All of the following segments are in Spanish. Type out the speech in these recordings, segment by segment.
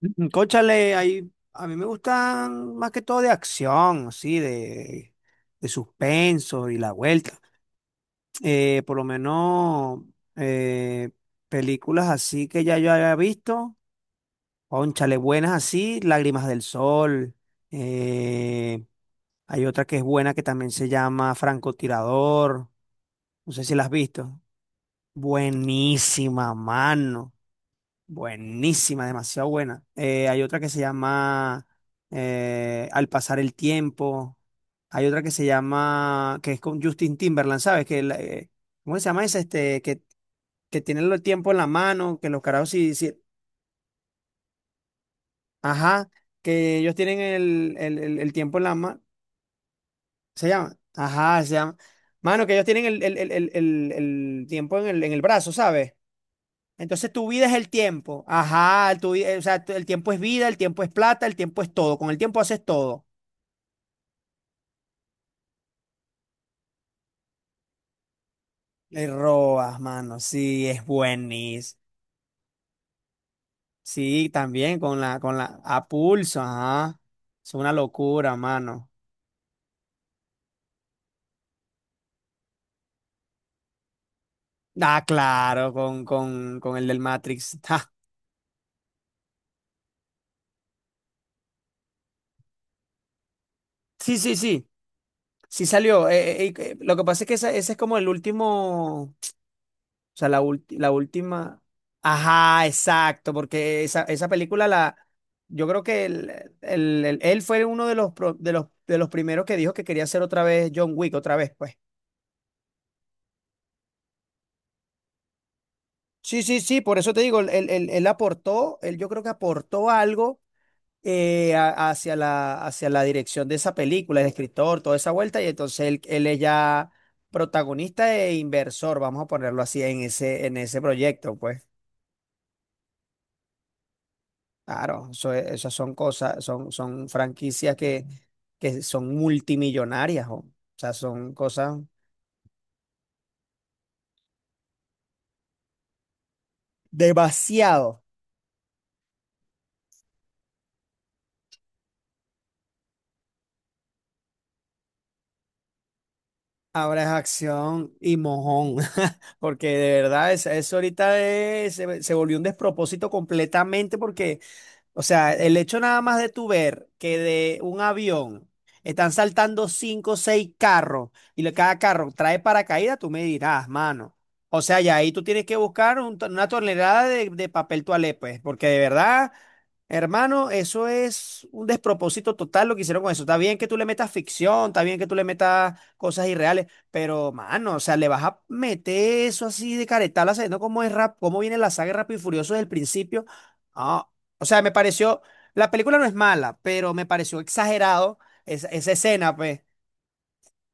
Cónchale, ahí, a mí me gustan más que todo de acción, así, de suspenso y la vuelta. Por lo menos eh, películas así que ya yo había visto, cónchale, buenas así, Lágrimas del Sol. eh, Hay otra que es buena que también se llama Francotirador. No sé si la has visto. Buenísima, mano. Buenísima, demasiado buena. Hay otra que se llama Al pasar el tiempo. Hay otra que se llama, que es con Justin Timberland, ¿sabes? Que, ¿cómo se llama esa? Este, que, tienen el tiempo en la mano, que los carajos sí, sí, ajá, que ellos tienen el tiempo en la mano. ¿Se llama? Ajá, se llama. Mano, que ellos tienen el tiempo en el brazo, ¿sabes? Entonces tu vida es el tiempo. Ajá, o sea, el tiempo es vida, el tiempo es plata, el tiempo es todo. Con el tiempo haces todo. Le robas, mano. Sí, es buenísimo. Sí, también con la, a pulso, ajá. Es una locura, mano. Ah, claro, con el del Matrix. Ja. Sí, sí, sí. Sí salió. Lo que pasa es que ese es como el último. O sea, la última. Ajá, exacto, porque esa película la. Yo creo que él fue uno de los, primeros que dijo que quería hacer otra vez John Wick, otra vez, pues. Sí, sí, sí, por eso te digo, él aportó, él yo creo que aportó algo hacia la, dirección de esa película, el escritor, toda esa vuelta, y entonces él es ya protagonista e inversor, vamos a ponerlo así, en ese proyecto, pues. Claro, esas son cosas, son franquicias que son multimillonarias, jo. O sea, son cosas demasiado. Ahora es acción y mojón, porque de verdad eso ahorita se volvió un despropósito completamente porque o sea, el hecho nada más de tú ver que de un avión están saltando cinco o seis carros y cada carro trae paracaídas, tú me dirás, mano. O sea, ya ahí tú tienes que buscar una tonelada de papel toalé, pues, porque de verdad, hermano, eso es un despropósito total lo que hicieron con eso. Está bien que tú le metas ficción, está bien que tú le metas cosas irreales, pero, mano, o sea, le vas a meter eso así de caretala, sabiendo cómo es rap, cómo viene la saga de Rápido y Furioso desde el principio. Ah, o sea, me pareció, la película no es mala, pero me pareció exagerado esa escena, pues.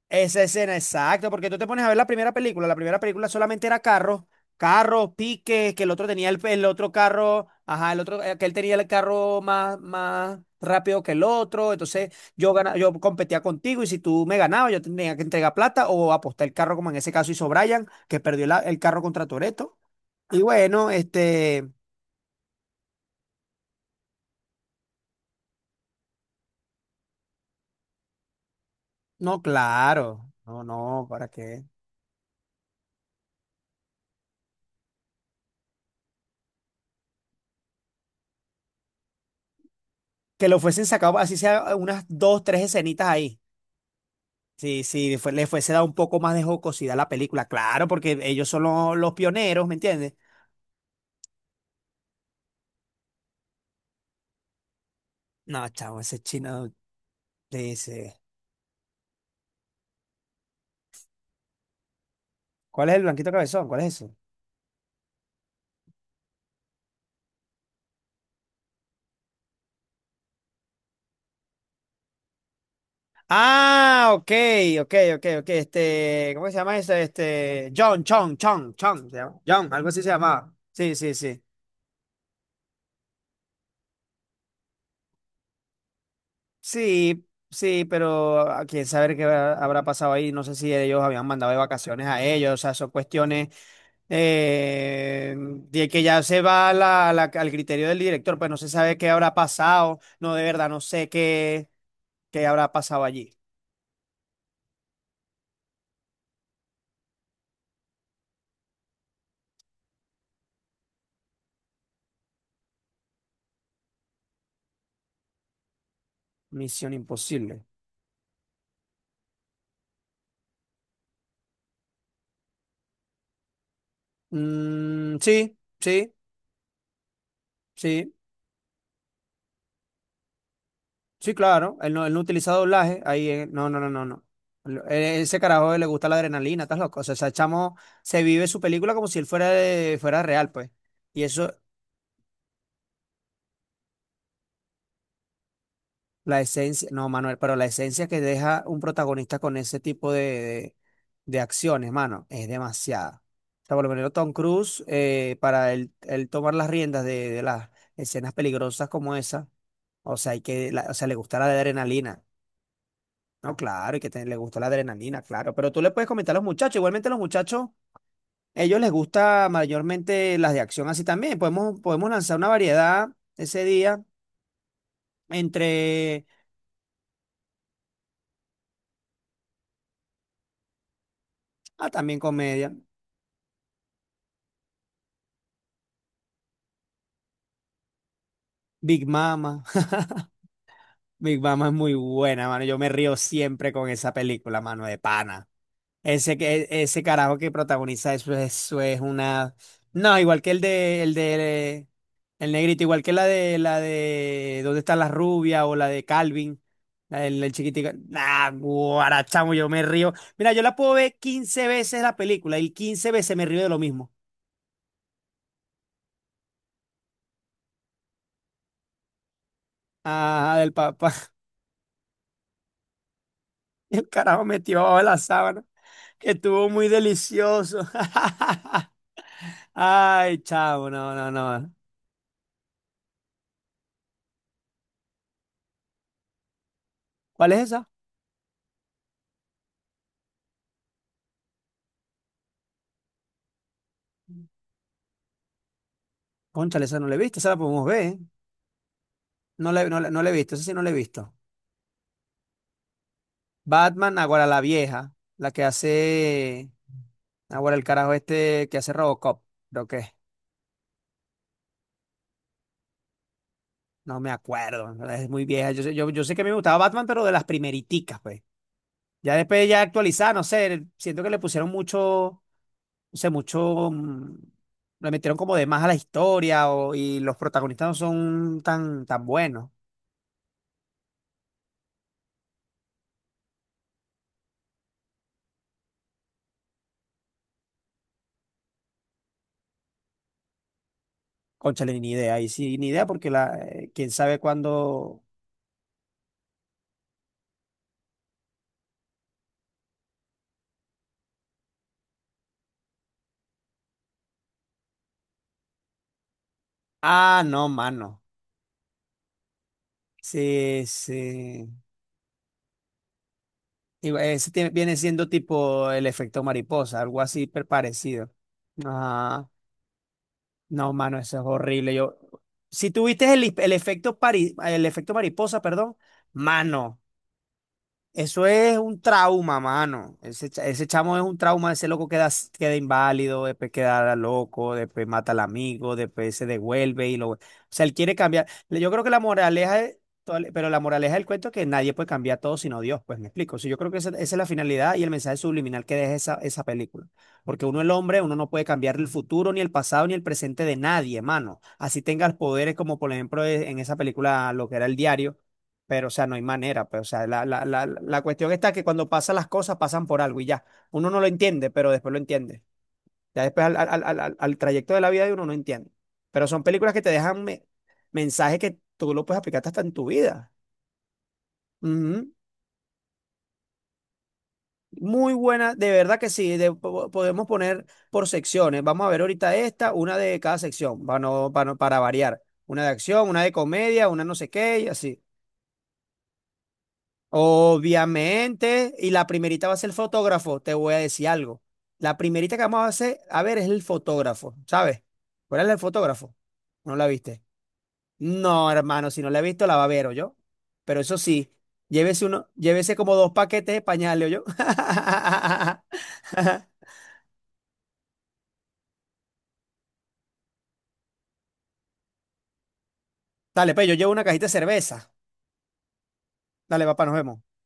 Esa escena, exacto, porque tú te pones a ver la primera película solamente era carros, carros, piques, que el otro tenía el otro carro, ajá, el otro, que él tenía el carro más, más rápido que el otro, entonces yo competía contigo y si tú me ganabas, yo tenía que entregar plata o apostar el carro, como en ese caso hizo Brian, que perdió el carro contra Toretto. Y bueno, este, no, claro, no, no, ¿para qué? Que lo fuesen sacado, así sea unas dos, tres escenitas ahí. Si le fuese dado un poco más de jocosidad a la película, claro, porque ellos son los, pioneros, ¿me entiendes? No, chavo, ese chino dice. ¿Cuál es el blanquito cabezón? ¿Cuál es eso? Ah, ok, ok, ok, ok. Este, ¿cómo se llama ese? Este, John, Chong, Chong, Chong, se llama. John, algo así se llamaba. Sí, sí, sí. Sí, sí, pero a quién saber qué habrá pasado ahí. No sé si ellos habían mandado de vacaciones a ellos. O sea, son cuestiones de que ya se va a al criterio del director. Pues no se sabe qué habrá pasado. No, de verdad, no sé qué, habrá pasado allí. Misión Imposible. Mm, sí, sí, sí. Sí, claro, él no utiliza doblaje, ahí, no, no, no, no, no. Ese carajo le gusta la adrenalina, estás loco. O sea, ese chamo se vive su película como si él fuera, fuera real, pues. Y eso, la esencia, no, Manuel, pero la esencia que deja un protagonista con ese tipo de, acciones, mano, es demasiada. O sea, por lo menos Tom Cruise, para él, él tomar las riendas de las escenas peligrosas como esa, o sea, hay que, o sea, le gusta la adrenalina. No, claro, y que le gustó la adrenalina, claro. Pero tú le puedes comentar a los muchachos. Igualmente a los muchachos, ellos les gusta mayormente las de acción así también. Podemos lanzar una variedad ese día entre, también comedia. Big Mama. Big Mama es muy buena, mano. Yo me río siempre con esa película, mano, de pana. Ese carajo que protagoniza eso, eso es una. No, igual que el de el negrito, igual que la de ¿Dónde está la rubia? O la de Calvin, la del el chiquitico. Nah, guarachamo, yo me río. Mira, yo la puedo ver 15 veces la película y 15 veces me río de lo mismo. Ah, del papá. El carajo metió abajo de la sábana, que estuvo muy delicioso. Ay, chavo, no, no, no. ¿Cuál es esa? Cónchale, esa no la he visto, esa la podemos ver, ¿eh? No le he visto, eso sí no le he visto. Batman, ahora la vieja, la que hace, ahora el carajo este que hace Robocop, creo que es. No me acuerdo, en verdad, es muy vieja. Yo sé que a mí me gustaba Batman, pero de las primeriticas, pues. Ya después ya actualizada, no sé, siento que le pusieron mucho, no sé, mucho, le metieron como de más a la historia y los protagonistas no son tan, tan buenos. Cónchale, ni idea, y sí, ni idea porque la, quién sabe cuándo. Ah, no, mano. Sí, sí. Digo, viene siendo tipo el efecto mariposa, algo así parecido. Ah, no, mano, eso es horrible. Yo, si tuviste el efecto mariposa, perdón, mano. Eso es un trauma, mano. Ese chamo es un trauma, ese loco queda, queda inválido, después queda loco, después mata al amigo, después se devuelve y lo... O sea, él quiere cambiar. Yo creo que la moraleja es... Pero la moraleja del cuento es que nadie puede cambiar todo sino Dios, pues me explico. O sea, yo creo que esa es la finalidad y el mensaje subliminal que deja esa película. Porque uno, el hombre, uno no puede cambiar el futuro, ni el pasado, ni el presente de nadie, mano. Así tengas poderes como, por ejemplo, en esa película, lo que era el diario pero, o sea, no hay manera. Pero, o sea, la cuestión está que cuando pasan las cosas, pasan por algo y ya. Uno no lo entiende, pero después lo entiende. Ya después al trayecto de la vida de uno no entiende. Pero son películas que te dejan mensajes que tú lo puedes aplicar hasta en tu vida. Ujú. Muy buena, de verdad que sí. Podemos poner por secciones. Vamos a ver ahorita esta, una de cada sección, para, no- para, no- para variar. Una de acción, una de comedia, una no sé qué y así. Obviamente, y la primerita va a ser el fotógrafo, te voy a decir algo. La primerita que vamos a hacer, a ver, es el fotógrafo, ¿sabes? ¿Cuál es el fotógrafo? ¿No la viste? No, hermano, si no la he visto, la va a ver, yo. Pero eso sí, llévese uno, llévese como dos paquetes de pañales, yo. Dale, pues yo llevo una cajita de cerveza. Dale, papá, nos vemos.